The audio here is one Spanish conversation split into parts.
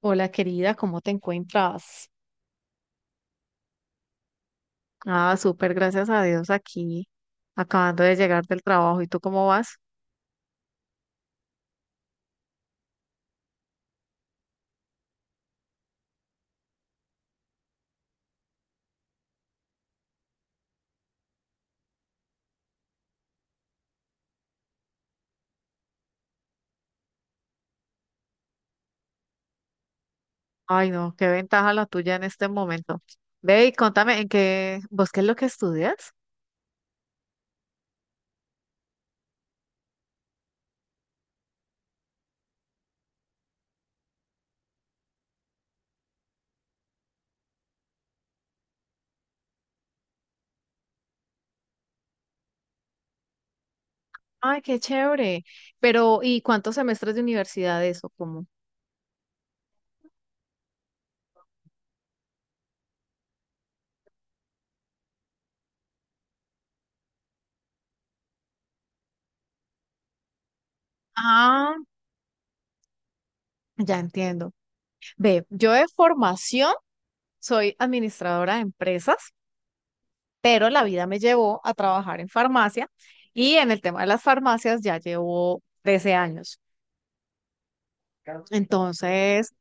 Hola querida, ¿cómo te encuentras? Ah, súper, gracias a Dios aquí, acabando de llegar del trabajo. ¿Y tú cómo vas? Ay, no, qué ventaja la tuya en este momento. Ve y contame, vos qué es lo que estudias? Ay, qué chévere. Pero, ¿y cuántos semestres de universidad eso? ¿Cómo? Ah, ya entiendo. Ve, yo de formación soy administradora de empresas, pero la vida me llevó a trabajar en farmacia y en el tema de las farmacias ya llevo 13 años. Entonces,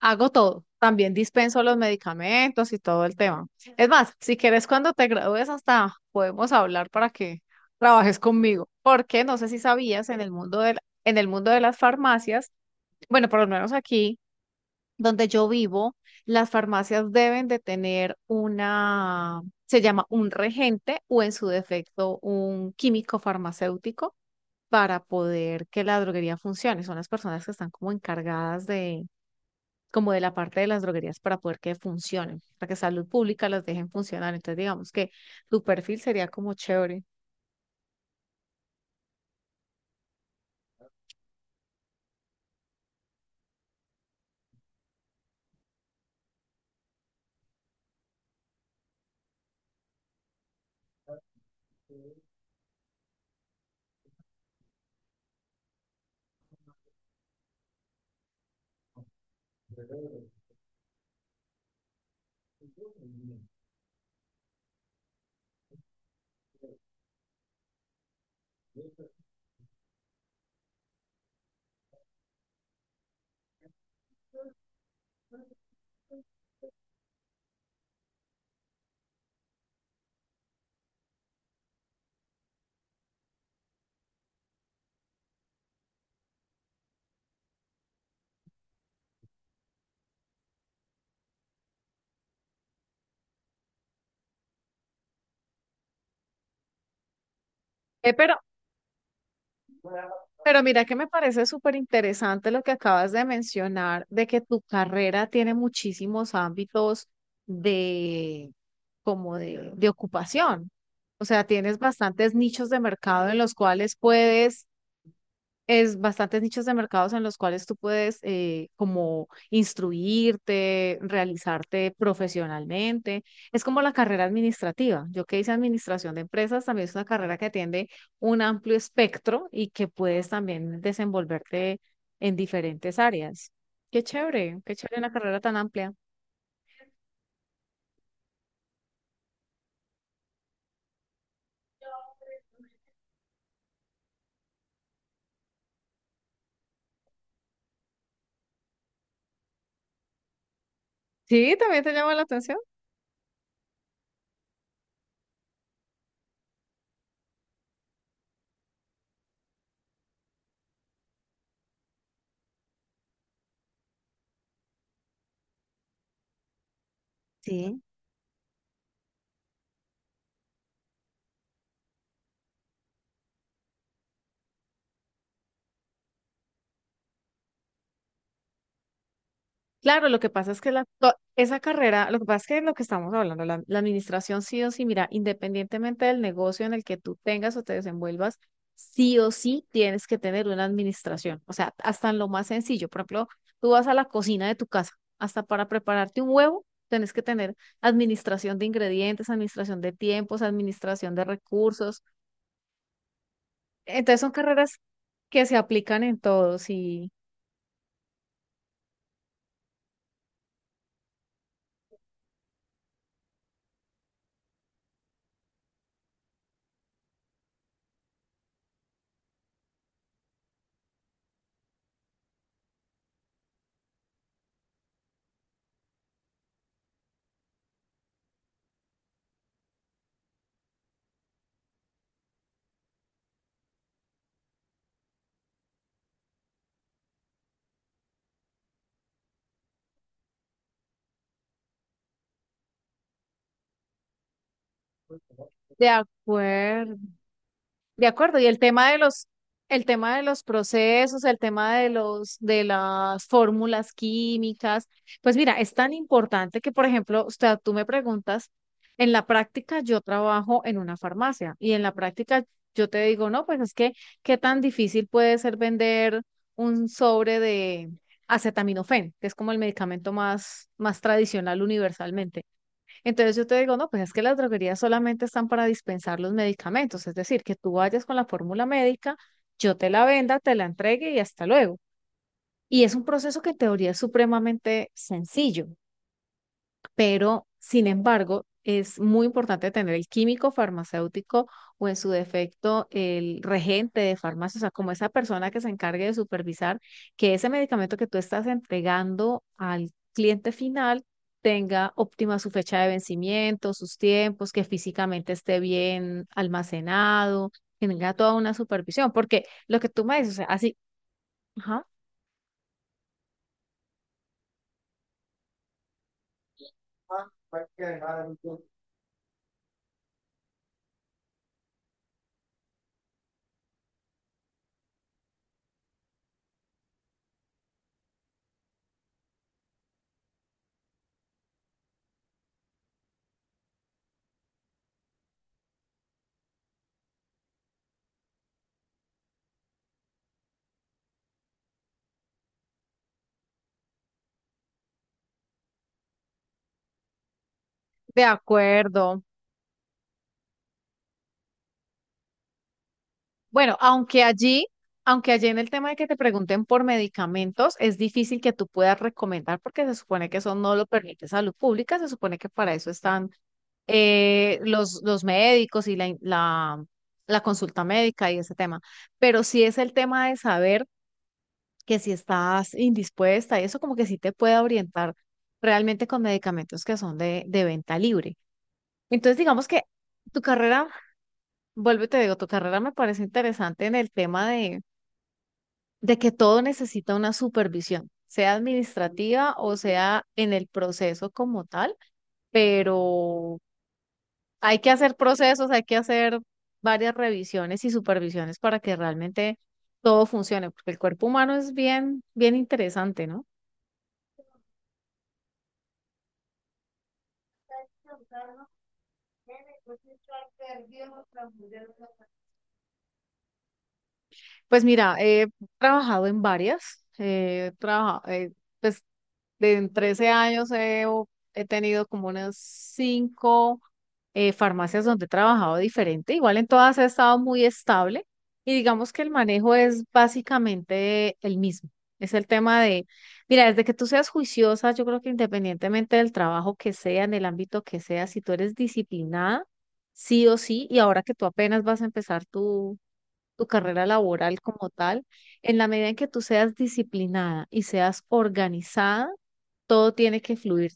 hago todo. También dispenso los medicamentos y todo el tema. Es más, si quieres, cuando te gradúes, hasta podemos hablar para que trabajes conmigo. Porque no sé si sabías, en el mundo en el mundo de las farmacias, bueno, por lo menos aquí donde yo vivo, las farmacias deben de tener una, se llama un regente o en su defecto un químico farmacéutico para poder que la droguería funcione. Son las personas que están como encargadas de como de la parte de las droguerías para poder que funcionen, para que salud pública las dejen funcionar. Entonces, digamos que tu perfil sería como chévere. Eh, pero, pero mira que me parece súper interesante lo que acabas de mencionar, de que tu carrera tiene muchísimos ámbitos de, como de ocupación. O sea, tienes bastantes nichos de mercado en los cuales puedes es bastantes nichos de mercados en los cuales tú puedes como instruirte, realizarte profesionalmente. Es como la carrera administrativa. Yo que hice administración de empresas, también es una carrera que atiende un amplio espectro y que puedes también desenvolverte en diferentes áreas. Qué chévere una carrera tan amplia. Sí, también te llama la atención. Sí. Claro, lo que pasa es que esa carrera, lo que pasa es que es lo que estamos hablando, la administración sí o sí, mira, independientemente del negocio en el que tú tengas o te desenvuelvas, sí o sí tienes que tener una administración. O sea, hasta en lo más sencillo. Por ejemplo, tú vas a la cocina de tu casa, hasta para prepararte un huevo, tienes que tener administración de ingredientes, administración de tiempos, administración de recursos. Entonces son carreras que se aplican en todos y de acuerdo. De acuerdo, y el tema de los, el tema de los procesos, el tema de los, de las fórmulas químicas, pues mira, es tan importante que, por ejemplo, o sea, tú me preguntas, en la práctica yo trabajo en una farmacia y en la práctica yo te digo, no, pues es que, ¿qué tan difícil puede ser vender un sobre de acetaminofén, que es como el medicamento más, más tradicional universalmente? Entonces yo te digo, no, pues es que las droguerías solamente están para dispensar los medicamentos, es decir, que tú vayas con la fórmula médica, yo te la venda, te la entregue y hasta luego. Y es un proceso que en teoría es supremamente sencillo, pero sin embargo, es muy importante tener el químico farmacéutico o en su defecto el regente de farmacia, o sea, como esa persona que se encargue de supervisar que ese medicamento que tú estás entregando al cliente final tenga óptima su fecha de vencimiento, sus tiempos, que físicamente esté bien almacenado, que tenga toda una supervisión, porque lo que tú me dices, o sea, así, ajá. De acuerdo. Bueno, aunque allí en el tema de que te pregunten por medicamentos, es difícil que tú puedas recomendar porque se supone que eso no lo permite salud pública, se supone que para eso están los médicos y la consulta médica y ese tema. Pero sí es el tema de saber que si estás indispuesta y eso como que sí te puede orientar realmente con medicamentos que son de venta libre. Entonces digamos que tu carrera, vuelvo y te digo, tu carrera me parece interesante en el tema de que todo necesita una supervisión, sea administrativa o sea en el proceso como tal, pero hay que hacer procesos, hay que hacer varias revisiones y supervisiones para que realmente todo funcione, porque el cuerpo humano es bien, bien interesante, ¿no? Pues mira, he trabajado en varias, pues de en 13 años he tenido como unas 5 farmacias donde he trabajado diferente. Igual en todas he estado muy estable y digamos que el manejo es básicamente el mismo. Es el tema de, mira, desde que tú seas juiciosa, yo creo que independientemente del trabajo que sea, en el ámbito que sea, si tú eres disciplinada, sí o sí, y ahora que tú apenas vas a empezar tu carrera laboral como tal, en la medida en que tú seas disciplinada y seas organizada, todo tiene que fluir.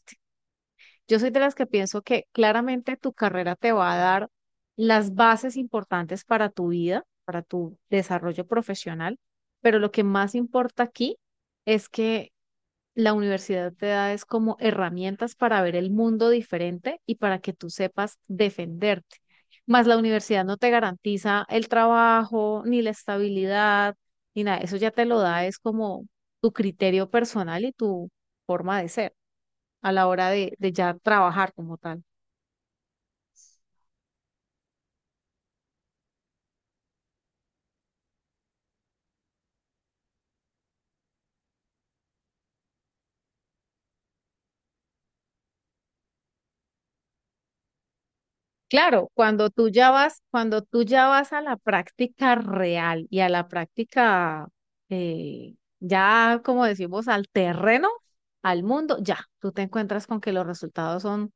Yo soy de las que pienso que claramente tu carrera te va a dar las bases importantes para tu vida, para tu desarrollo profesional, pero lo que más importa aquí es que la universidad te da es como herramientas para ver el mundo diferente y para que tú sepas defenderte. Más la universidad no te garantiza el trabajo, ni la estabilidad, ni nada. Eso ya te lo da es como tu criterio personal y tu forma de ser a la hora de ya trabajar como tal. Claro, cuando tú ya vas, cuando tú ya vas a la práctica real y a la práctica, ya como decimos, al terreno, al mundo, ya, tú te encuentras con que los resultados son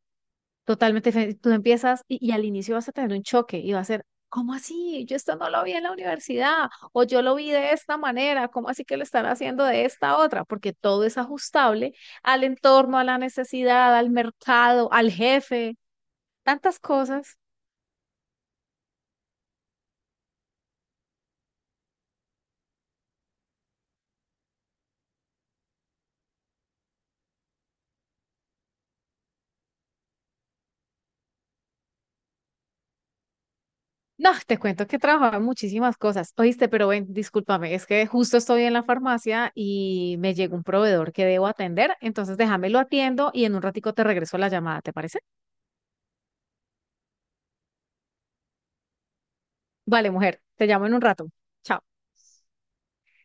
totalmente diferente. Tú empiezas y al inicio vas a tener un choque y va a ser, ¿cómo así? Yo esto no lo vi en la universidad o yo lo vi de esta manera, ¿cómo así que lo están haciendo de esta otra? Porque todo es ajustable al entorno, a la necesidad, al mercado, al jefe, tantas cosas. No, te cuento que trabajaba en muchísimas cosas. Oíste, pero ven, discúlpame, es que justo estoy en la farmacia y me llegó un proveedor que debo atender, entonces déjame lo atiendo y en un ratico te regreso la llamada, ¿te parece? Vale, mujer, te llamo en un rato. Chao.